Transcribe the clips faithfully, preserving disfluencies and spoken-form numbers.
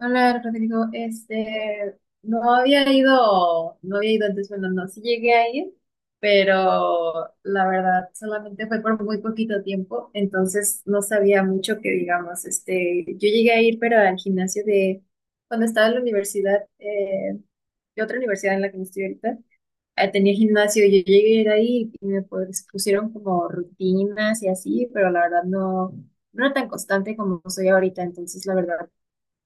Hola Rodrigo, este, no había ido, no había ido antes, bueno, no, sí llegué a ir, pero la verdad solamente fue por muy poquito tiempo, entonces no sabía mucho que digamos, este, yo llegué a ir, pero al gimnasio de, cuando estaba en la universidad, eh, de otra universidad en la que no estoy ahorita, eh, tenía gimnasio, yo llegué a ir ahí y me pues, pusieron como rutinas y así, pero la verdad no, no era tan constante como soy ahorita, entonces la verdad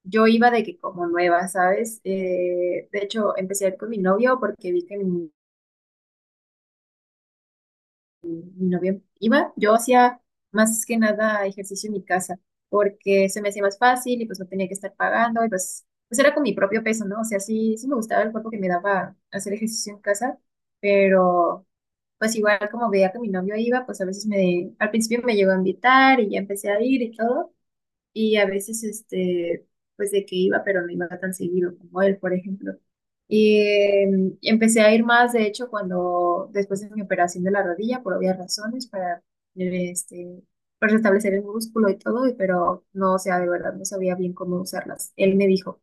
yo iba de que como nueva, ¿sabes? Eh, de hecho, empecé a ir con mi novio porque vi que mi, mi novio iba. Yo hacía más que nada ejercicio en mi casa porque se me hacía más fácil y pues no tenía que estar pagando y pues, pues era con mi propio peso, ¿no? O sea, sí, sí me gustaba el cuerpo que me daba hacer ejercicio en casa, pero pues igual como veía que mi novio iba, pues a veces me, al principio me llegó a invitar y ya empecé a ir y todo. Y a veces, este, pues de que iba, pero no iba tan seguido como él, por ejemplo. Y eh, empecé a ir más, de hecho, cuando después de mi operación de la rodilla, por obvias razones, para, eh, este, para restablecer el músculo y todo, y- pero no, o sea, de verdad no sabía bien cómo usarlas. Él me dijo.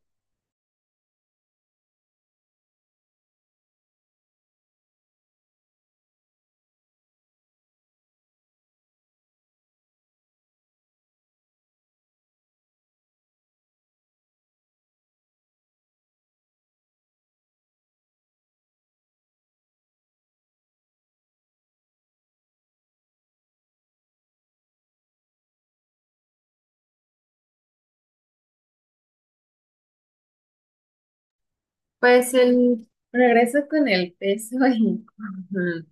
Pues el regreso con el peso y con,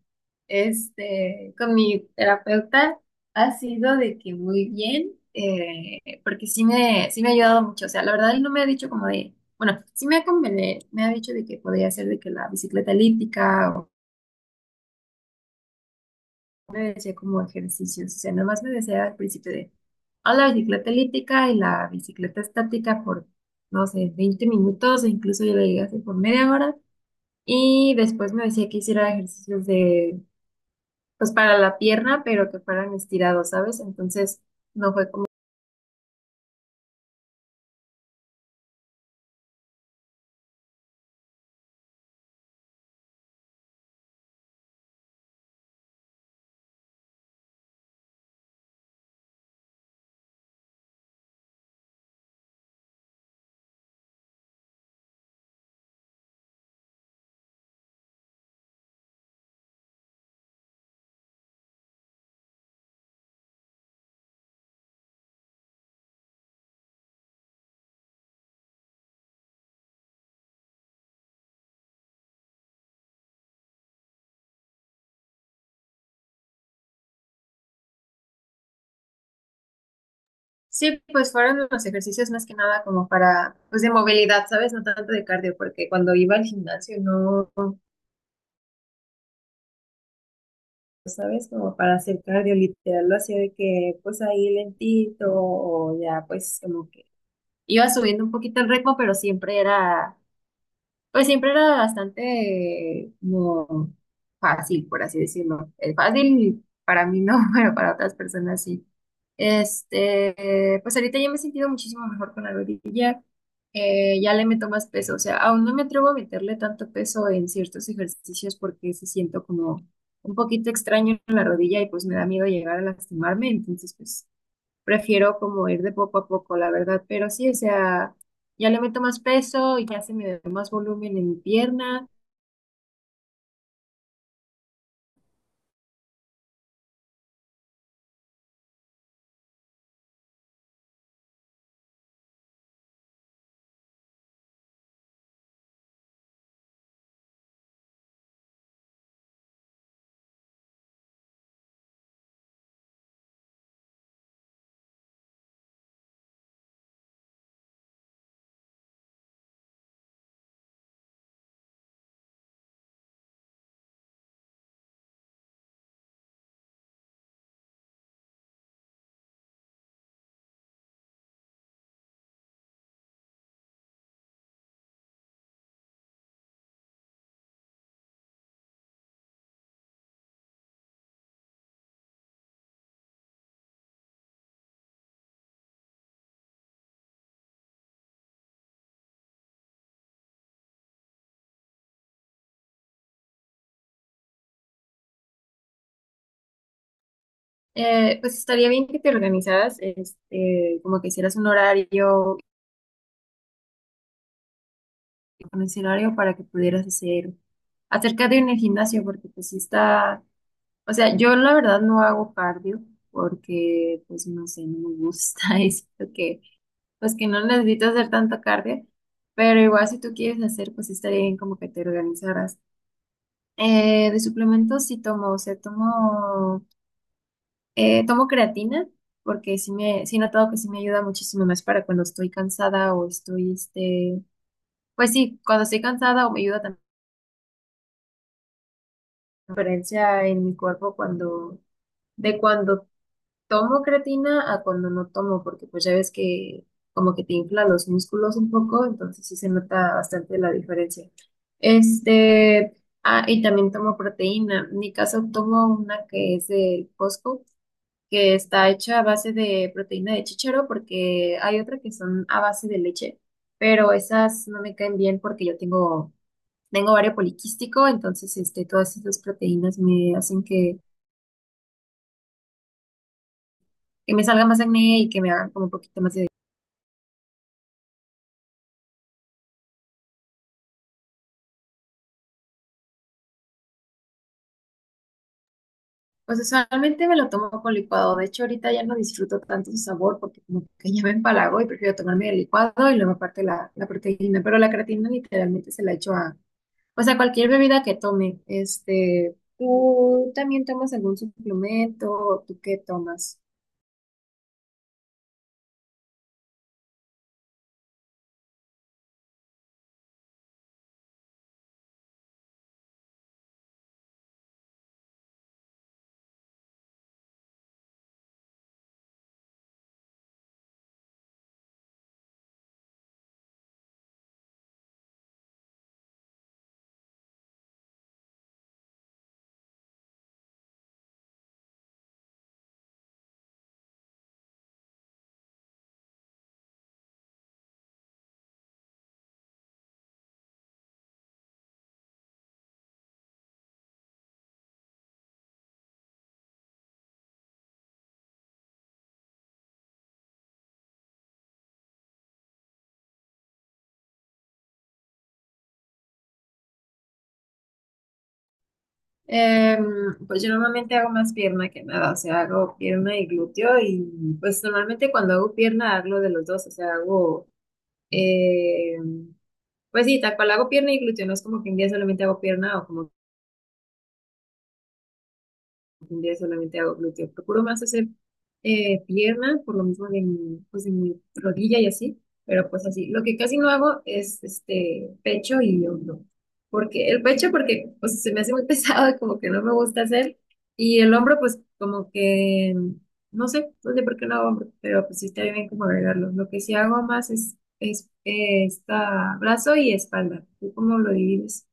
este, con mi terapeuta ha sido de que muy bien, eh, porque sí me, sí me ha ayudado mucho. O sea, la verdad él no me ha dicho como de, bueno, sí me ha convenido, me ha dicho de que podía hacer de que la bicicleta elíptica o me decía como ejercicios. O sea, nada más me decía al principio de, a la bicicleta elíptica y la bicicleta estática por, no sé, veinte minutos o incluso yo le llegué a hacer por media hora. Y después me decía que hiciera ejercicios de, pues para la pierna, pero que fueran estirados, ¿sabes? Entonces no fue como, sí, pues fueron los ejercicios más que nada como para, pues de movilidad, ¿sabes? No tanto de cardio, porque cuando iba al gimnasio no, ¿sabes? Como para hacer cardio, literal, lo hacía de que, pues ahí lentito, o ya, pues como que iba subiendo un poquito el ritmo, pero siempre era pues siempre era bastante como fácil, por así decirlo. Eh, fácil para mí no, pero para otras personas sí. Este, pues ahorita ya me he sentido muchísimo mejor con la rodilla. Eh, ya le meto más peso. O sea, aún no me atrevo a meterle tanto peso en ciertos ejercicios porque se siento como un poquito extraño en la rodilla y pues me da miedo llegar a lastimarme. Entonces, pues prefiero como ir de poco a poco, la verdad, pero sí, o sea, ya le meto más peso y ya se me da más volumen en mi pierna. Eh, pues estaría bien que te organizaras, este, como que hicieras un horario, un escenario para que pudieras hacer acerca de un gimnasio, porque pues sí está, o sea, yo la verdad no hago cardio porque pues no sé, no me gusta, es que pues que no necesito hacer tanto cardio, pero igual si tú quieres hacer, pues sí estaría bien como que te organizaras. Eh, de suplementos sí tomo, o sea, tomo, eh, tomo creatina porque sí me, sí he notado que sí me ayuda muchísimo más para cuando estoy cansada o estoy, este, pues sí, cuando estoy cansada o me ayuda también la diferencia en mi cuerpo cuando, de cuando tomo creatina a cuando no tomo, porque pues ya ves que como que te infla los músculos un poco, entonces sí se nota bastante la diferencia. Este, ah, y también tomo proteína. En mi caso tomo una que es del Costco, que está hecha a base de proteína de chícharo, porque hay otra que son a base de leche, pero esas no me caen bien porque yo tengo, tengo ovario poliquístico, entonces este, todas esas proteínas me hacen que, que me salga más acné y que me hagan como un poquito más de... Pues usualmente me lo tomo con licuado, de hecho ahorita ya no disfruto tanto su sabor porque como que ya me empalago y prefiero tomarme el licuado y luego aparte la, la proteína, pero la creatina literalmente se la echo a... O sea, cualquier bebida que tome. Este, ¿tú también tomas algún suplemento? ¿Tú qué tomas? Em, pues yo normalmente hago más pierna que nada, o sea, hago pierna y glúteo y pues normalmente cuando hago pierna hago de los dos, o sea, hago, em, pues sí, tal cual hago pierna y glúteo, no es como que un día solamente hago pierna o como pues, un día solamente hago glúteo. Procuro más hacer eh, pierna, por lo mismo de mi, pues, de mi rodilla y así, pero pues así. Lo que casi no hago es este pecho y hombro. Porque el pecho, porque pues, se me hace muy pesado y como que no me gusta hacer. Y el hombro, pues como que, no sé, no sé por qué no hago hombro, pero pues sí estaría bien como agregarlo. Lo que sí hago más es, es eh, esta brazo y espalda. ¿Tú cómo lo divides?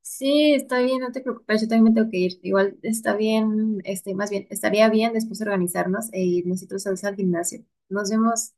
Sí, está bien, no te preocupes, yo también me tengo que ir. Igual está bien, este, más bien, estaría bien después organizarnos e irnos y todos al al gimnasio. Nos vemos.